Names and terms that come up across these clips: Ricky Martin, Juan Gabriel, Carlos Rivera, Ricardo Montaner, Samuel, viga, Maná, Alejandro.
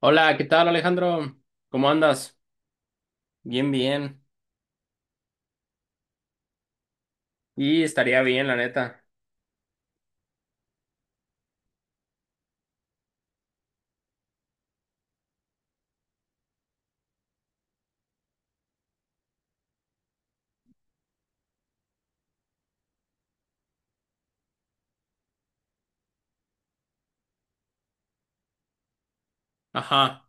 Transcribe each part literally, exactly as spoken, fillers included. Hola, ¿qué tal Alejandro? ¿Cómo andas? Bien, bien. Y estaría bien, la neta. Ajá.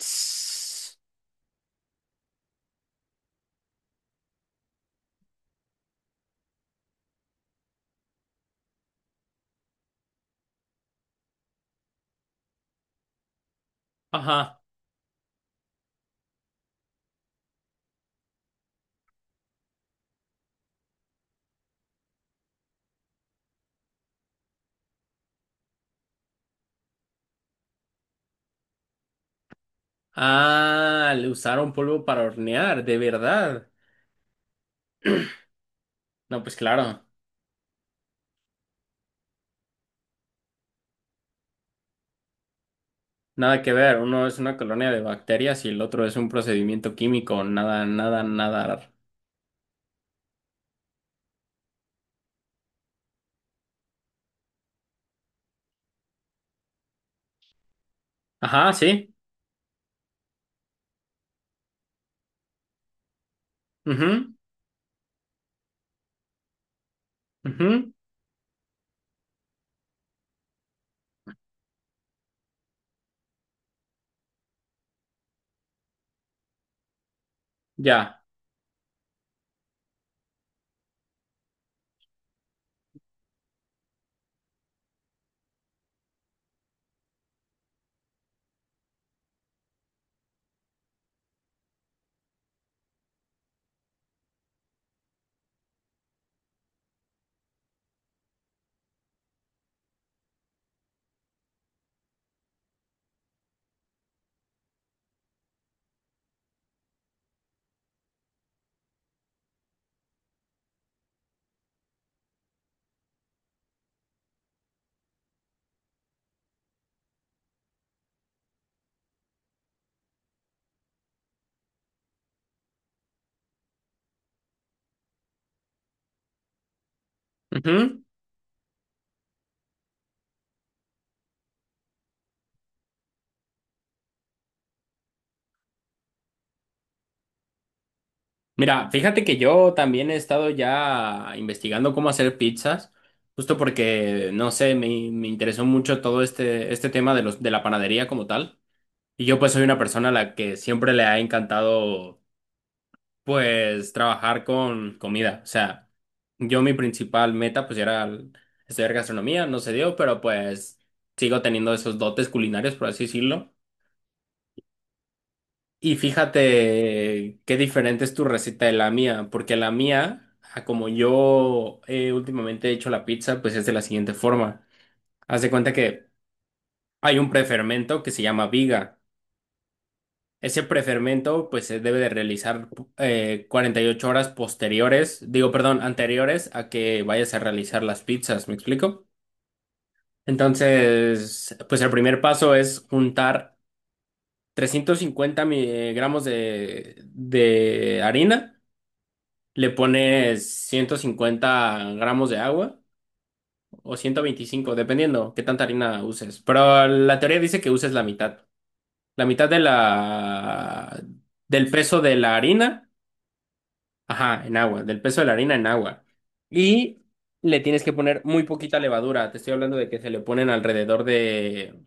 Tss, ajá. Ah, le usaron polvo para hornear, de verdad. No, pues claro, nada que ver. Uno es una colonia de bacterias y el otro es un procedimiento químico. Nada, nada, nada. Ajá, sí. Mhm. Mhm. Ya. Mhm. Mira, fíjate que yo también he estado ya investigando cómo hacer pizzas, justo porque, no sé, me, me interesó mucho todo este, este tema de los, de la panadería como tal. Y yo pues soy una persona a la que siempre le ha encantado pues trabajar con comida. O sea, yo mi principal meta pues era el- estudiar gastronomía, no se dio, pero pues sigo teniendo esos dotes culinarios, por así decirlo. Y fíjate qué diferente es tu receta de la mía, porque la mía, a como yo eh, últimamente he hecho la pizza, pues es de la siguiente forma. Haz de cuenta que hay un prefermento que se llama viga. Ese prefermento pues se debe de realizar eh, cuarenta y ocho horas posteriores, digo, perdón, anteriores a que vayas a realizar las pizzas, ¿me explico? Entonces, pues el primer paso es juntar trescientos cincuenta mi- eh, gramos de, de harina. Le pones ciento cincuenta gramos de agua o ciento veinticinco, dependiendo qué tanta harina uses. Pero la teoría dice que uses la mitad. La mitad de la del peso de la harina, ajá, en agua, del peso de la harina en agua. Y le tienes que poner muy poquita levadura. Te estoy hablando de que se le ponen alrededor de.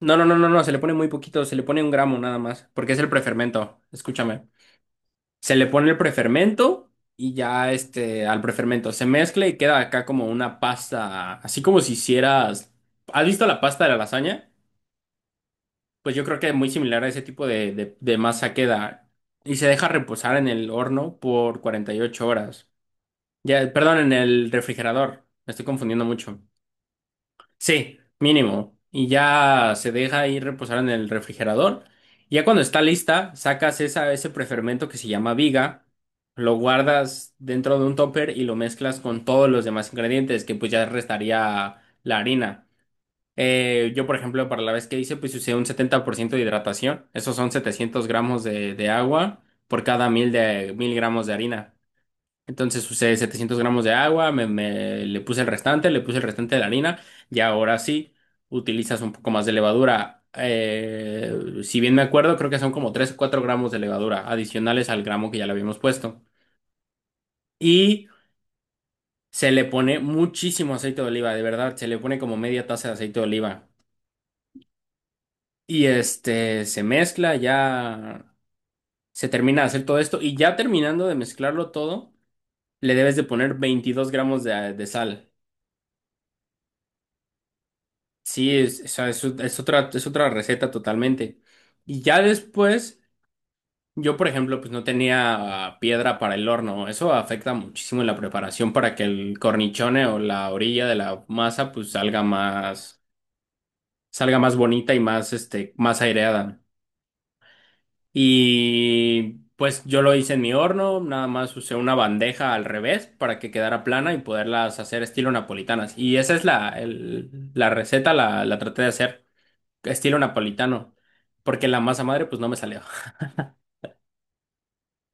No, no, no, no, no, se le pone muy poquito, se le pone un gramo nada más, porque es el prefermento. Escúchame. Se le pone el prefermento y ya este, al prefermento se mezcla y queda acá como una pasta, así como si hicieras. ¿Has visto la pasta de la lasaña? Pues yo creo que es muy similar a ese tipo de, de, de masa queda y se deja reposar en el horno por cuarenta y ocho horas. Ya, perdón, en el refrigerador. Me estoy confundiendo mucho. Sí, mínimo. Y ya se deja ahí reposar en el refrigerador. Y ya cuando está lista, sacas esa, ese prefermento que se llama viga, lo guardas dentro de un topper y lo mezclas con todos los demás ingredientes, que pues ya restaría la harina. Eh, yo, por ejemplo, para la vez que hice, pues usé un setenta por ciento de hidratación. Esos son setecientos gramos de, de agua por cada mil, de, mil gramos de harina. Entonces usé setecientos gramos de agua, me, me- le puse el restante, le puse el restante de la harina y ahora sí utilizas un poco más de levadura. Eh, si bien me acuerdo, creo que son como tres, o cuatro gramos de levadura adicionales al gramo que ya le habíamos puesto. Y se le pone muchísimo aceite de oliva, de verdad, se le pone como media taza de aceite de oliva. Y este se mezcla, ya se termina de hacer todo esto y ya terminando de mezclarlo todo, le debes de poner veintidós gramos de de sal. Sí, es, o sea, es, es otra, es otra receta totalmente. Y ya después, yo por ejemplo, pues no tenía piedra para el horno. Eso afecta muchísimo la preparación para que el cornichone o la orilla de la masa pues salga más, salga más bonita y más, este, más aireada. Y pues yo lo hice en mi horno, nada más usé una bandeja al revés para que quedara plana y poderlas hacer estilo napolitanas. Y esa es la, el- la receta, la, la traté de hacer. Estilo napolitano, porque la masa madre pues no me salió.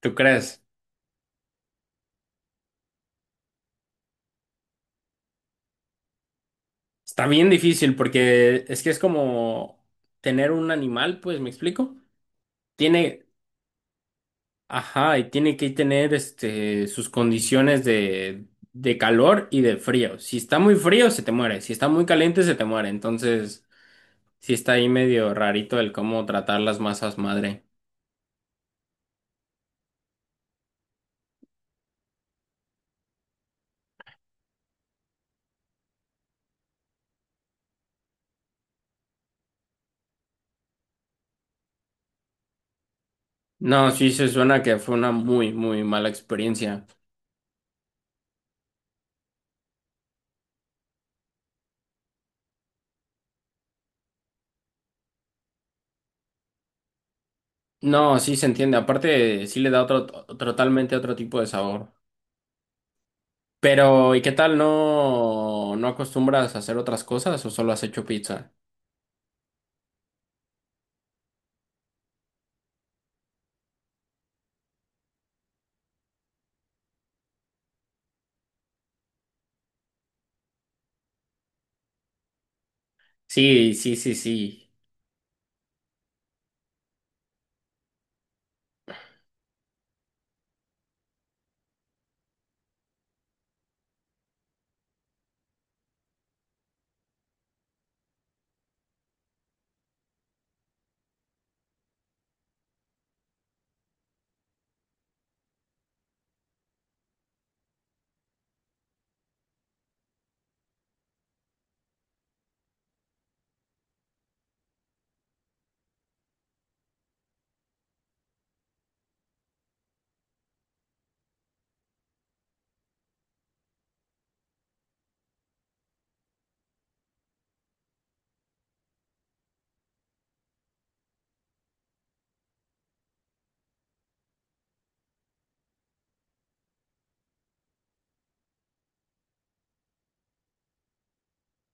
¿Tú crees? Está bien difícil porque es que es como tener un animal, pues, ¿me explico? Tiene, ajá, y tiene que tener este sus condiciones de, de calor y de frío. Si está muy frío, se te muere. Si está muy caliente, se te muere. Entonces, sí está ahí medio rarito el cómo tratar las masas madre. No, sí se suena que fue una muy, muy mala experiencia. No, sí se entiende. Aparte, sí le da otro, to- totalmente otro tipo de sabor. Pero, ¿y qué tal? ¿No, no acostumbras a hacer otras cosas o solo has hecho pizza? Sí, sí, sí, sí.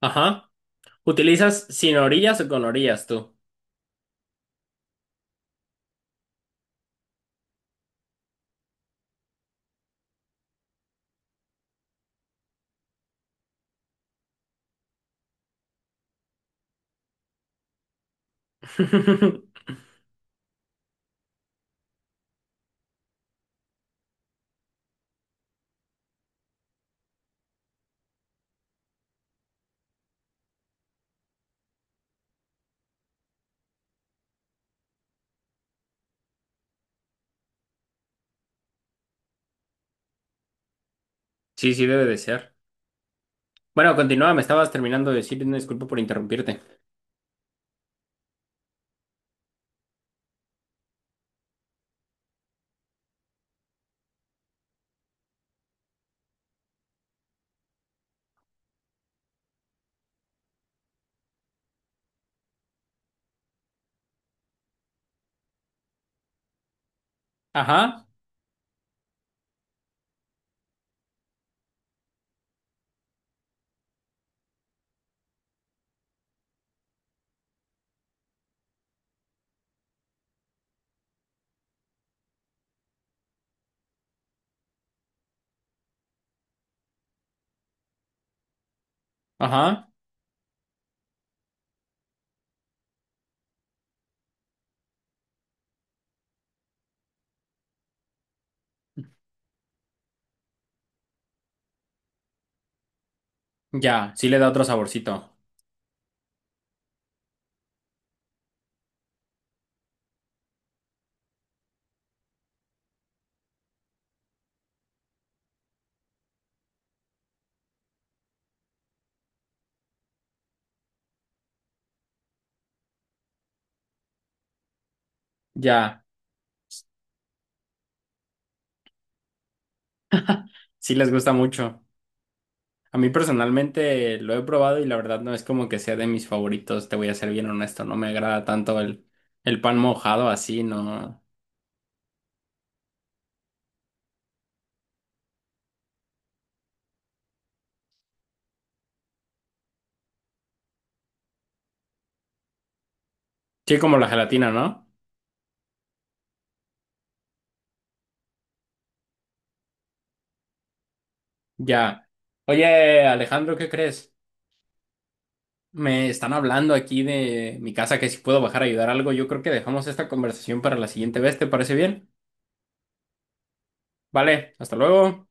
Ajá. ¿Utilizas sin orillas o con orillas tú? Sí, sí, debe de ser. Bueno, continúa, me estabas terminando de decir, una disculpa por interrumpirte. Ajá, ajá. Ya, sí le da otro saborcito. Ya, sí les gusta mucho. A mí personalmente lo he probado y la verdad no es como que sea de mis favoritos, te voy a ser bien honesto, no me agrada tanto el, el pan mojado así, no. Sí, como la gelatina, ¿no? Ya. Oye, Alejandro, ¿qué crees? Me están hablando aquí de mi casa que si puedo bajar a ayudar algo, yo creo que dejamos esta conversación para la siguiente vez, ¿te parece bien? Vale, hasta luego.